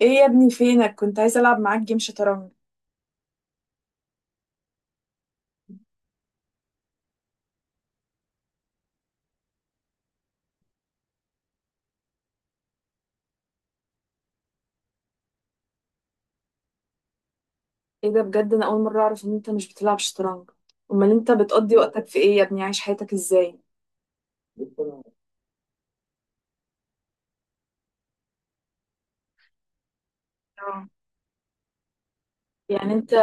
ايه يا ابني فينك؟ كنت عايزه العب معاك جيم شطرنج. ايه ده بجد؟ انا اول مره اعرف ان انت مش بتلعب شطرنج. امال انت بتقضي وقتك في ايه يا ابني؟ عايش حياتك ازاي؟ اه. يعني انت.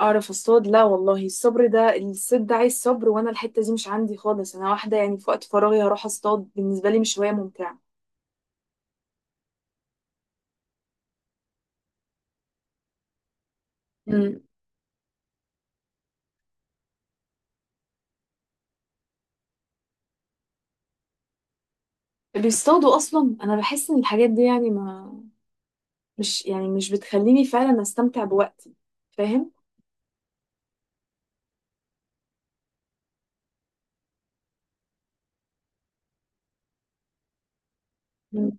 اعرف اصطاد؟ لا والله، الصبر ده الصيد ده عايز صبر، وانا الحته دي مش عندي خالص. انا واحده يعني في وقت فراغي هروح اصطاد بالنسبه لي مش هوايه ممتعه. امم. بيصطادوا؟ اصلا انا بحس ان الحاجات دي يعني ما مش يعني مش بتخليني فعلا استمتع بوقتي. فاهم؟ مم.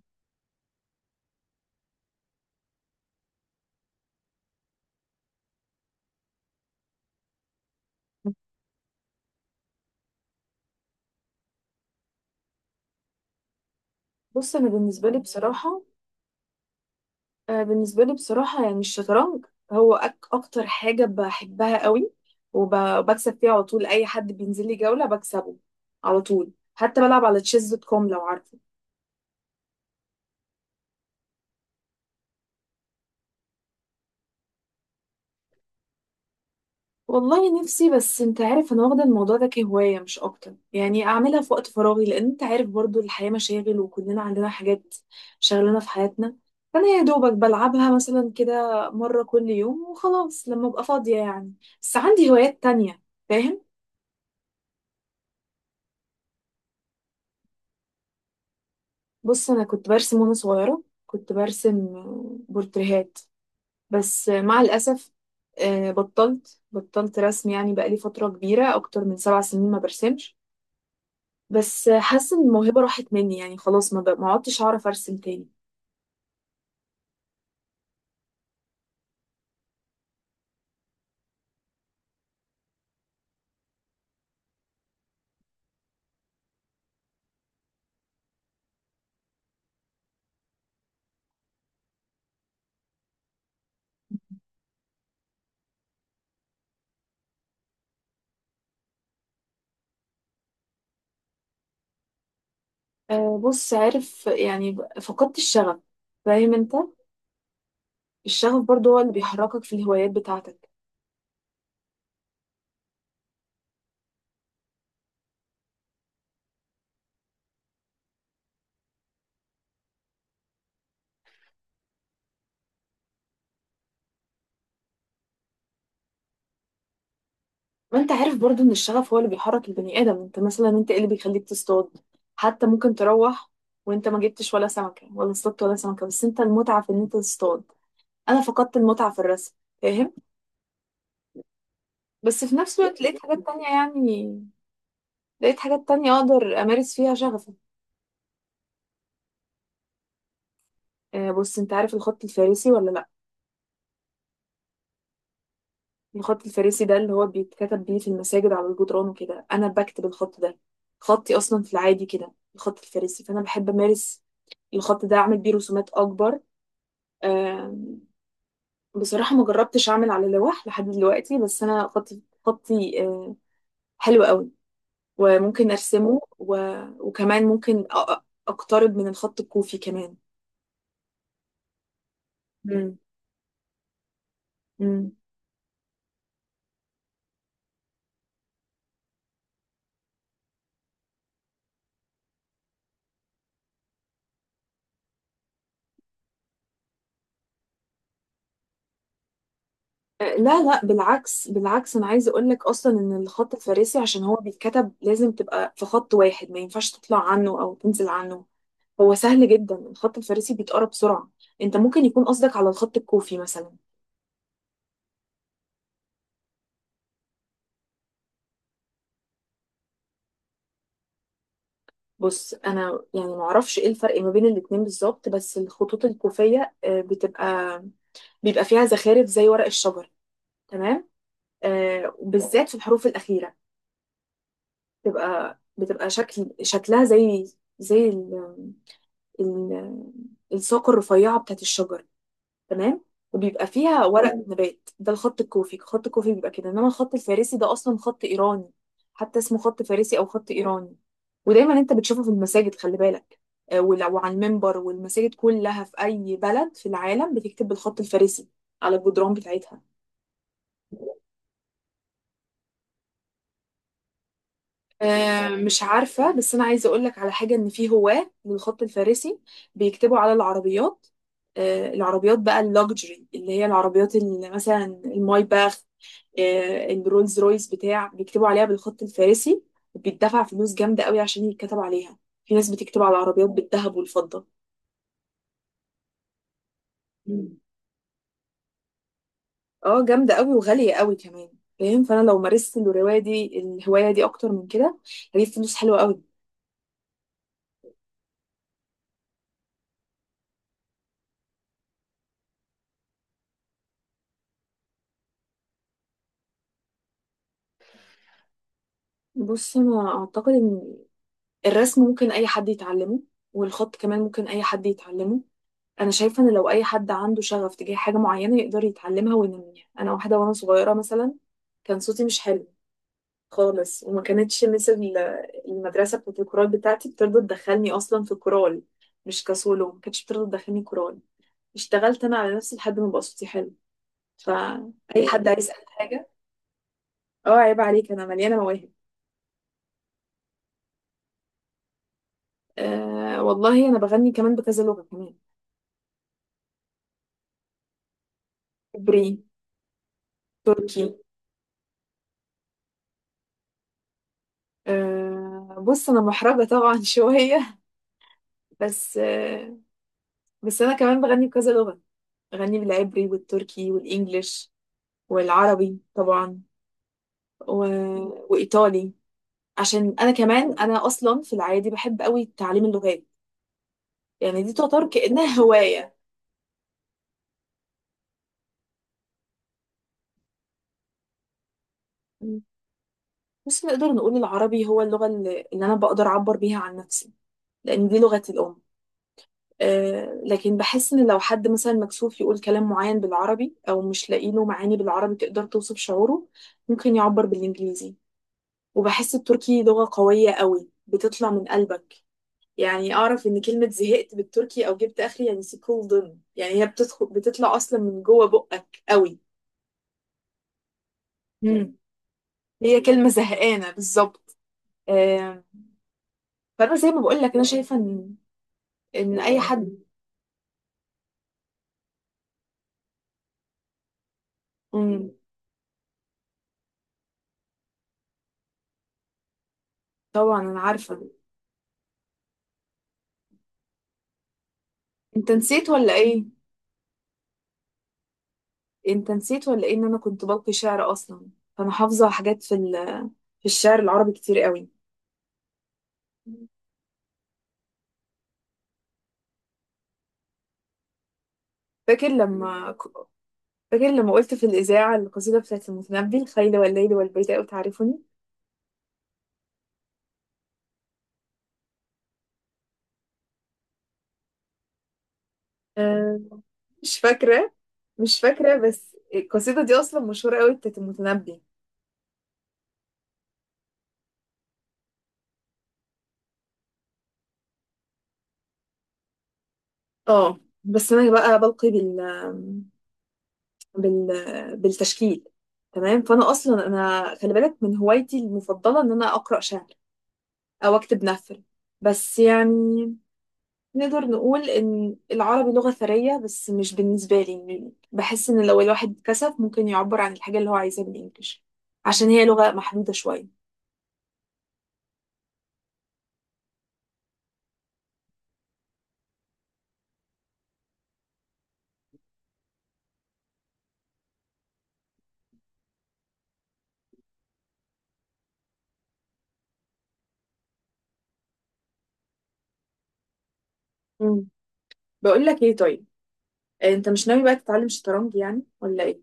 بص، انا بالنسبه لي بصراحه آه، بالنسبة لي بصراحة يعني الشطرنج هو أكتر حاجة بحبها قوي، وبكسب فيها على طول. أي حد بينزل لي جولة بكسبه على طول. حتى بلعب على تشيز دوت كوم، لو عارفه. والله نفسي، بس أنت عارف أنا واخدة الموضوع ده كهواية مش أكتر، يعني أعملها في وقت فراغي لأن أنت عارف برضو الحياة مشاغل وكلنا عندنا حاجات شغلنا في حياتنا. فأنا يا دوبك بلعبها مثلا كده مرة كل يوم وخلاص لما أبقى فاضية يعني. بس عندي هوايات تانية. فاهم؟ بص، انا كنت برسم، وانا صغيره كنت برسم بورتريهات. بس مع الاسف، بطلت رسم يعني، بقالي فتره كبيره اكتر من 7 سنين ما برسمش. بس حاسه ان الموهبه راحت مني يعني، خلاص ما عدتش هعرف ارسم تاني. بص عارف يعني فقدت الشغف. فاهم انت؟ الشغف برضو هو اللي بيحركك في الهوايات بتاعتك. ما انت عارف برضو ان الشغف هو اللي بيحرك البني ادم. انت مثلا، انت ايه اللي بيخليك تصطاد؟ حتى ممكن تروح وانت ما جبتش ولا سمكة، ولا اصطدت ولا سمكة، بس انت المتعة في ان انت تصطاد. انا فقدت المتعة في الرسم. فاهم؟ بس في نفس الوقت لقيت حاجات تانية يعني، لقيت حاجات تانية اقدر امارس فيها شغفي. بص انت عارف الخط الفارسي ولا لا؟ الخط الفارسي ده اللي هو بيتكتب بيه في المساجد على الجدران وكده، انا بكتب الخط ده. خطي اصلا في العادي كده الخط الفارسي، فانا بحب امارس الخط ده، اعمل بيه رسومات اكبر. آم، بصراحة ما جربتش أعمل على لوح لحد دلوقتي، بس أنا خطي حلو قوي، وممكن أرسمه وكمان ممكن أقترب من الخط الكوفي كمان. مم. مم. لا لا، بالعكس بالعكس، أنا عايزة أقول لك أصلا إن الخط الفارسي عشان هو بيتكتب لازم تبقى في خط واحد، ما ينفعش تطلع عنه أو تنزل عنه. هو سهل جدا الخط الفارسي، بيتقرا بسرعة. أنت ممكن يكون قصدك على الخط الكوفي مثلا. بص انا يعني ما اعرفش ايه الفرق ما بين الاتنين بالظبط، بس الخطوط الكوفيه بيبقى فيها زخارف زي ورق الشجر. تمام. وبالذات في الحروف الاخيره بتبقى شكلها زي ال ال الساق الرفيعه بتاعت الشجر. تمام. وبيبقى فيها ورق نبات. ده الخط الكوفي، خط الكوفي بيبقى كده، انما الخط الفارسي ده اصلا خط ايراني. حتى اسمه خط فارسي او خط ايراني. ودايما انت بتشوفه في المساجد، خلي بالك، وعلى المنبر، والمساجد كلها في اي بلد في العالم بتكتب بالخط الفارسي على الجدران بتاعتها. مش عارفة، بس أنا عايزة أقولك على حاجة، إن في هواة للخط الفارسي بيكتبوا على العربيات. العربيات بقى اللوكجري، اللي هي العربيات اللي مثلا المايباخ، الرولز رويس بتاع، بيكتبوا عليها بالخط الفارسي، وبيدفع فلوس جامدة قوي عشان يتكتب عليها. في ناس بتكتب على العربيات بالذهب والفضة. مم. اه، جامدة قوي وغالية قوي كمان. فاهم؟ فأنا لو مارست الهواية دي الهواية دي أكتر من كده، هجيب فلوس حلوة قوي. بص، أنا أعتقد إن الرسم ممكن اي حد يتعلمه، والخط كمان ممكن اي حد يتعلمه. انا شايفه ان لو اي حد عنده شغف تجاه حاجه معينه يقدر يتعلمها وينميها. انا واحده وانا صغيره مثلا كان صوتي مش حلو خالص، وما كانتش مثل المدرسه بتاعت الكورال بتاعتي بترضى تدخلني اصلا في الكورال. مش كسولو، ما كانتش بترضى تدخلني كورال. اشتغلت انا على نفسي لحد ما بقى صوتي حلو. فاي حد عايز يسال حاجه. اه، عيب عليك، انا مليانه مواهب. والله انا بغني كمان بكذا لغه كمان. عبري، تركي. بص انا محرجه طبعا شويه، بس آه، بس انا كمان بغني بكذا لغه. بغني بالعبري والتركي والانجليش والعربي طبعا و... وايطالي. عشان انا كمان انا اصلا في العادي بحب قوي تعليم اللغات. يعني دي تعتبر كانها هوايه. بس نقدر نقول العربي هو اللغه اللي انا بقدر اعبر بيها عن نفسي، لان دي لغتي الام. لكن بحس ان لو حد مثلا مكسوف يقول كلام معين بالعربي، او مش لاقي له معاني بالعربي تقدر توصف شعوره، ممكن يعبر بالانجليزي. وبحس التركي لغة قوية قوي، بتطلع من قلبك. يعني اعرف ان كلمة زهقت بالتركي او جبت اخري يعني سيكولدن، يعني هي بتدخل بتطلع اصلا من جوه بقك قوي. مم. هي كلمة زهقانة بالظبط. آه، فانا زي ما بقول لك، انا شايفة ان اي حد. مم، طبعا انا عارفة. انت نسيت ولا ايه؟ انت نسيت ولا ايه ان انا كنت بلقي شعر اصلا؟ فانا حافظه حاجات في الشعر العربي كتير قوي. فاكر لما فاكر لما قلت في الاذاعه القصيده بتاعت المتنبي، الخيل والليل والبيداء تعرفني. أه، مش فاكره. مش فاكره، بس القصيده دي اصلا مشهوره قوي بتاعت المتنبي. اه، بس انا بقى بلقي بال بالتشكيل. تمام. فانا اصلا انا خلي بالك من هوايتي المفضله ان انا اقرا شعر او اكتب نثر. بس يعني نقدر نقول إن العربي لغة ثرية، بس مش بالنسبة لي، بحس إن لو الواحد كسف ممكن يعبر عن الحاجة اللي هو عايزها بالإنجليش، عشان هي لغة محدودة شوية. مم. بقول لك إيه طيب، أنت مش ناوي بقى تتعلم شطرنج يعني ولا إيه؟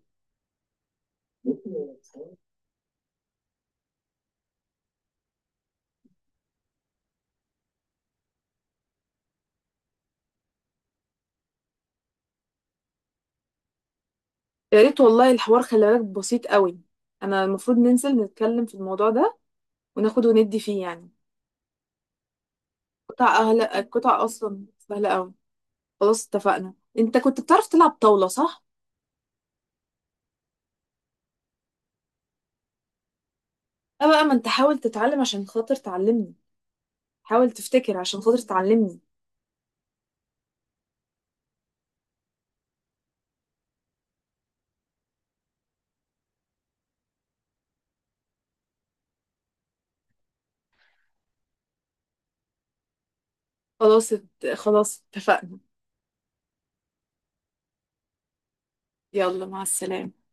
يا ريت والله، الحوار خلي بالك بسيط قوي. أنا المفروض ننزل نتكلم في الموضوع ده، وناخد وندي فيه يعني. قطع أهلا، قطع أصلا سهلة قوي. خلاص اتفقنا. أنت كنت بتعرف تلعب طاولة صح؟ أه بقى، ما أنت حاول تتعلم عشان خاطر تعلمني، حاول تفتكر عشان خاطر تعلمني. خلاص خلاص اتفقنا. يلا مع السلامة.